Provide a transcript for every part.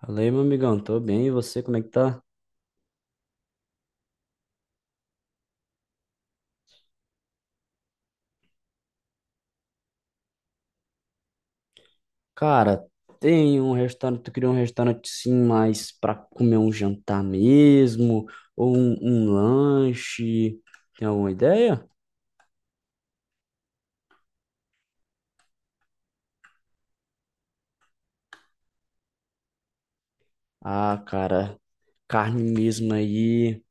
Fala aí, meu amigão, tô bem, e você, como é que tá? Cara, tem um restaurante, tu queria um restaurante sim, mas pra comer um jantar mesmo, ou um lanche, tem alguma ideia? Ah, cara, carne mesmo aí,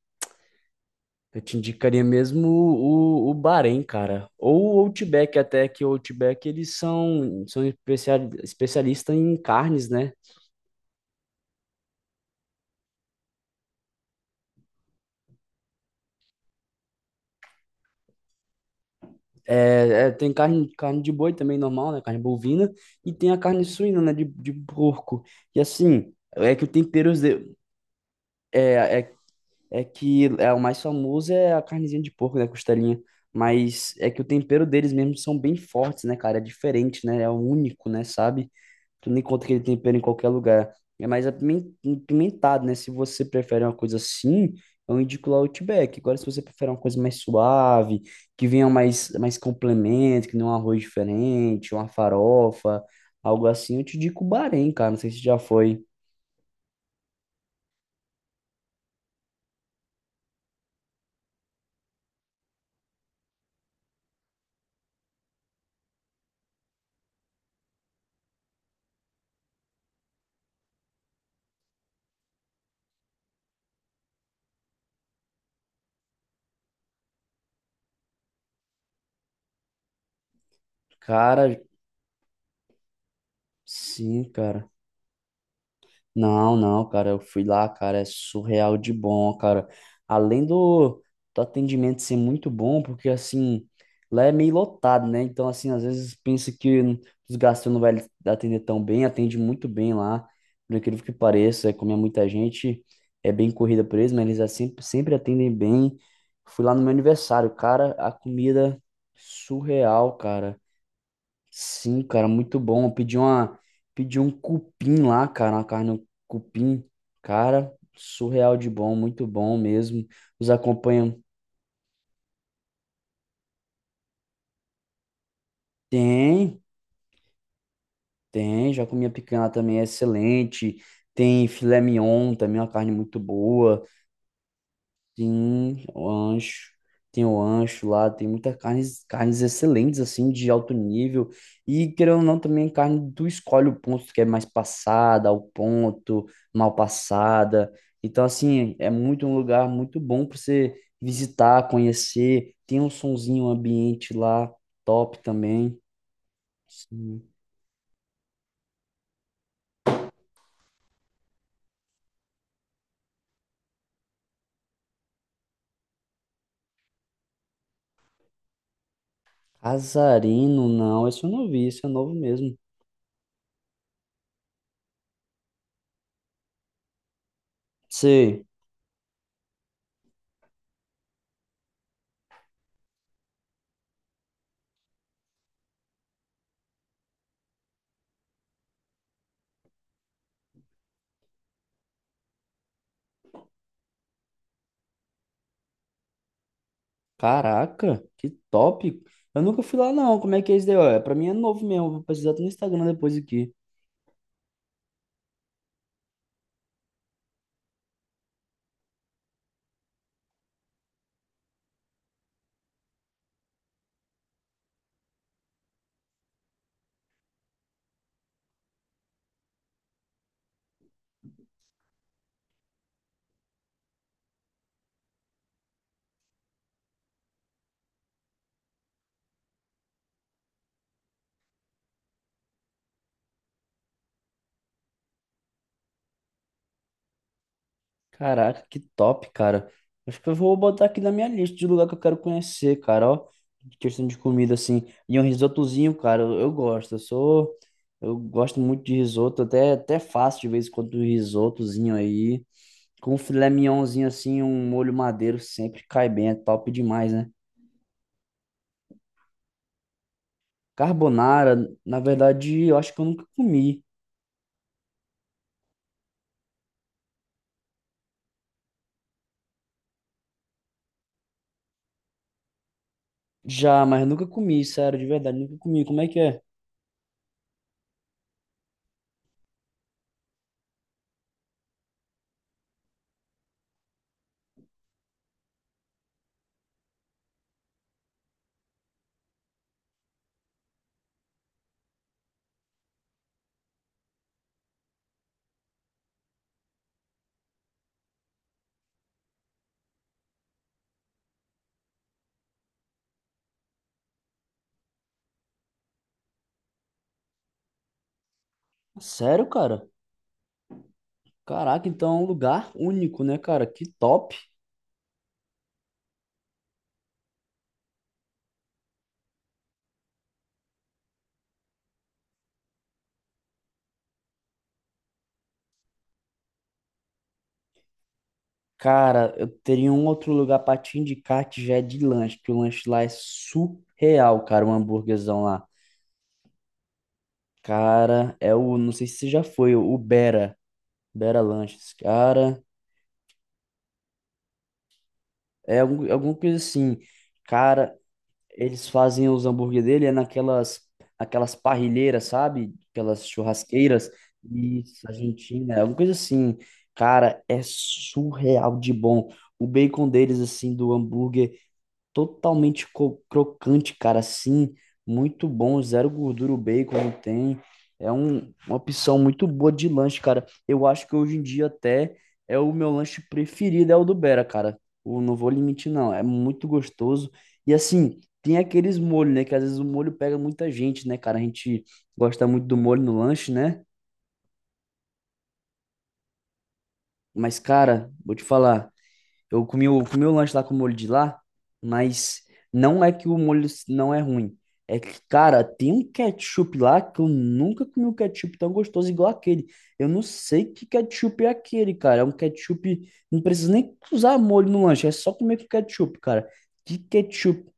eu te indicaria mesmo o Bahrein, cara, ou o Outback, até que o Outback, eles são especialistas em carnes, né? É, tem carne, carne de boi também normal, né? Carne bovina. E tem a carne suína, né? De porco. E assim, é que o tempero é, é, é que é, o mais famoso é a carnezinha de porco, né? Costelinha. Mas é que o tempero deles mesmo são bem fortes, né, cara? É diferente, né? É único, né? Sabe? Tu não encontra aquele tempero em qualquer lugar. É mais apimentado, né? Se você prefere uma coisa assim, eu indico lá o Outback. Agora, se você prefere uma coisa mais suave, que venha mais complemento, que não um arroz diferente, uma farofa, algo assim, eu te indico o Bahrein, cara. Não sei se já foi. Cara, sim, cara. Não, não, cara, eu fui lá, cara, é surreal de bom, cara. Além do atendimento ser muito bom, porque assim, lá é meio lotado, né? Então, assim, às vezes pensa que os gastos não vai atender tão bem, atende muito bem lá, por incrível que pareça, é como é muita gente, é bem corrida por eles, mas eles é sempre, sempre atendem bem. Fui lá no meu aniversário, cara, a comida surreal, cara. Sim, cara, muito bom. Pedi um cupim lá, cara, uma carne um cupim. Cara, surreal de bom, muito bom mesmo. Os acompanham. Tem, tem, já comi a picanha lá também, é excelente. Tem filé mignon também, uma carne muito boa. Sim, o ancho. Tem o ancho lá, tem muitas carnes, carnes excelentes, assim, de alto nível. E, querendo ou não, também carne, tu escolhe o ponto que é mais passada, ao ponto, mal passada. Então, assim, é muito um lugar muito bom para você visitar, conhecer. Tem um sonzinho, um ambiente lá, top também. Sim. Azarino, não, esse eu não vi, esse é novo mesmo. Sei. Caraca, que top. Eu nunca fui lá não. Como é que é isso daí? Ó? É, pra mim é novo mesmo. Vou precisar até no Instagram depois aqui. Caraca, que top, cara. Acho que eu vou botar aqui na minha lista de lugar que eu quero conhecer, cara, ó. De questão de comida assim. E um risotozinho, cara, eu gosto. Eu gosto muito de risoto, até faço de vez em quando um risotozinho aí. Com um filé mignonzinho assim, um molho madeiro sempre cai bem, é top demais, né? Carbonara, na verdade, eu acho que eu nunca comi. Já, mas nunca comi, sério, de verdade, nunca comi. Como é que é? Sério, cara? Caraca, então é um lugar único, né, cara? Que top. Cara, eu teria um outro lugar pra te indicar que já é de lanche, porque o lanche lá é surreal, cara, o hambúrguerzão lá. Cara, é o, não sei se você já foi, o Bera, Bera Lanches, cara, é alguma coisa assim. Cara, eles fazem os hambúrguer dele é naquelas aquelas parrilheiras, sabe? Aquelas churrasqueiras. Isso, Argentina, é uma coisa assim. Cara, é surreal de bom. O bacon deles, assim, do hambúrguer, totalmente crocante, cara, assim, muito bom, zero gordura o bacon não tem. Uma opção muito boa de lanche, cara. Eu acho que hoje em dia até é o meu lanche preferido, é o do Bera, cara. Não vou limitar não. É muito gostoso. E assim, tem aqueles molhos, né? Que às vezes o molho pega muita gente, né, cara? A gente gosta muito do molho no lanche, né? Mas, cara, vou te falar. Comi o lanche lá com o molho de lá, mas não é que o molho não é ruim. É que, cara, tem um ketchup lá que eu nunca comi um ketchup tão gostoso igual aquele. Eu não sei que ketchup é aquele, cara. É um ketchup. Não precisa nem usar molho no lanche, é só comer com ketchup, cara. Que ketchup.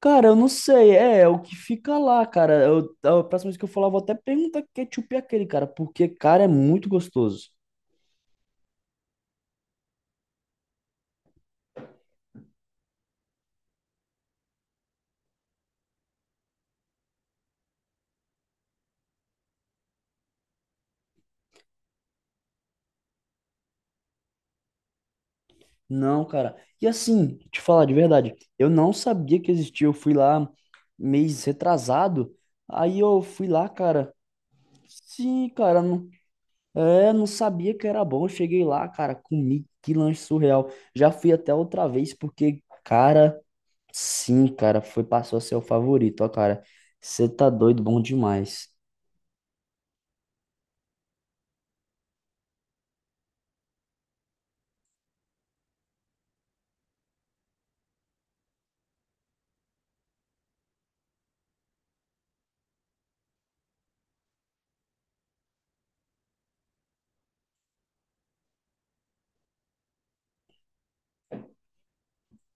Cara, eu não sei. É, é o que fica lá, cara. A próxima vez que eu falar, eu vou até perguntar que ketchup é aquele, cara. Porque, cara, é muito gostoso. Não, cara. E assim, te falar de verdade, eu não sabia que existia. Eu fui lá mês retrasado. Aí eu fui lá, cara. Sim, cara, não, é, não sabia que era bom. Eu cheguei lá, cara, comi que lanche surreal. Já fui até outra vez porque, cara, sim, cara, foi passou a ser o favorito, ó, cara. Você tá doido, bom demais.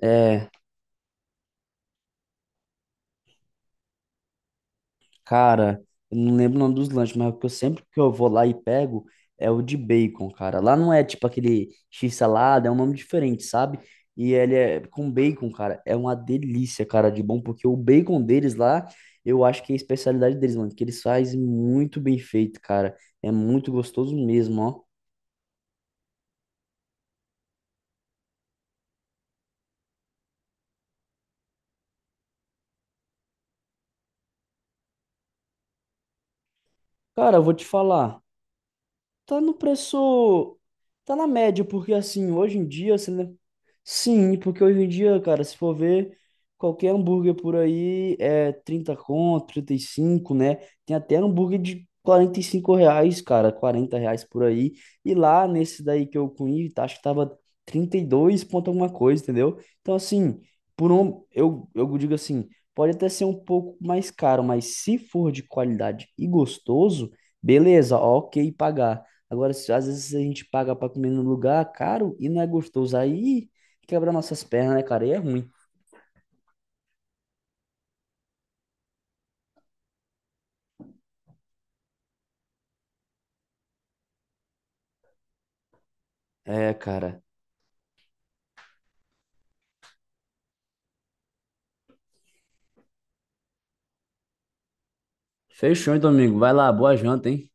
É. Cara, eu não lembro o nome dos lanches, mas o que eu sempre que eu vou lá e pego é o de bacon, cara. Lá não é tipo aquele x-salada, é um nome diferente, sabe? E ele é com bacon, cara. É uma delícia, cara, de bom, porque o bacon deles lá, eu acho que é a especialidade deles, mano, que eles fazem muito bem feito, cara. É muito gostoso mesmo, ó. Cara, eu vou te falar. Tá no preço. Tá na média, porque assim, hoje em dia, você né? Sim, porque hoje em dia, cara, se for ver, qualquer hambúrguer por aí é 30 conto, 35 né? Tem até hambúrguer de R$ 45, cara, R$ 40 por aí. E lá nesse daí que eu comi, tá, acho que tava 32 ponto alguma coisa, entendeu? Então, assim, eu digo assim, pode até ser um pouco mais caro, mas se for de qualidade e gostoso, beleza, ok pagar. Agora, às vezes a gente paga pra comer num lugar caro e não é gostoso. Aí quebra nossas pernas, né, cara? E é ruim. É, cara. Fechou, hein, Domingo. Vai lá, boa janta, hein?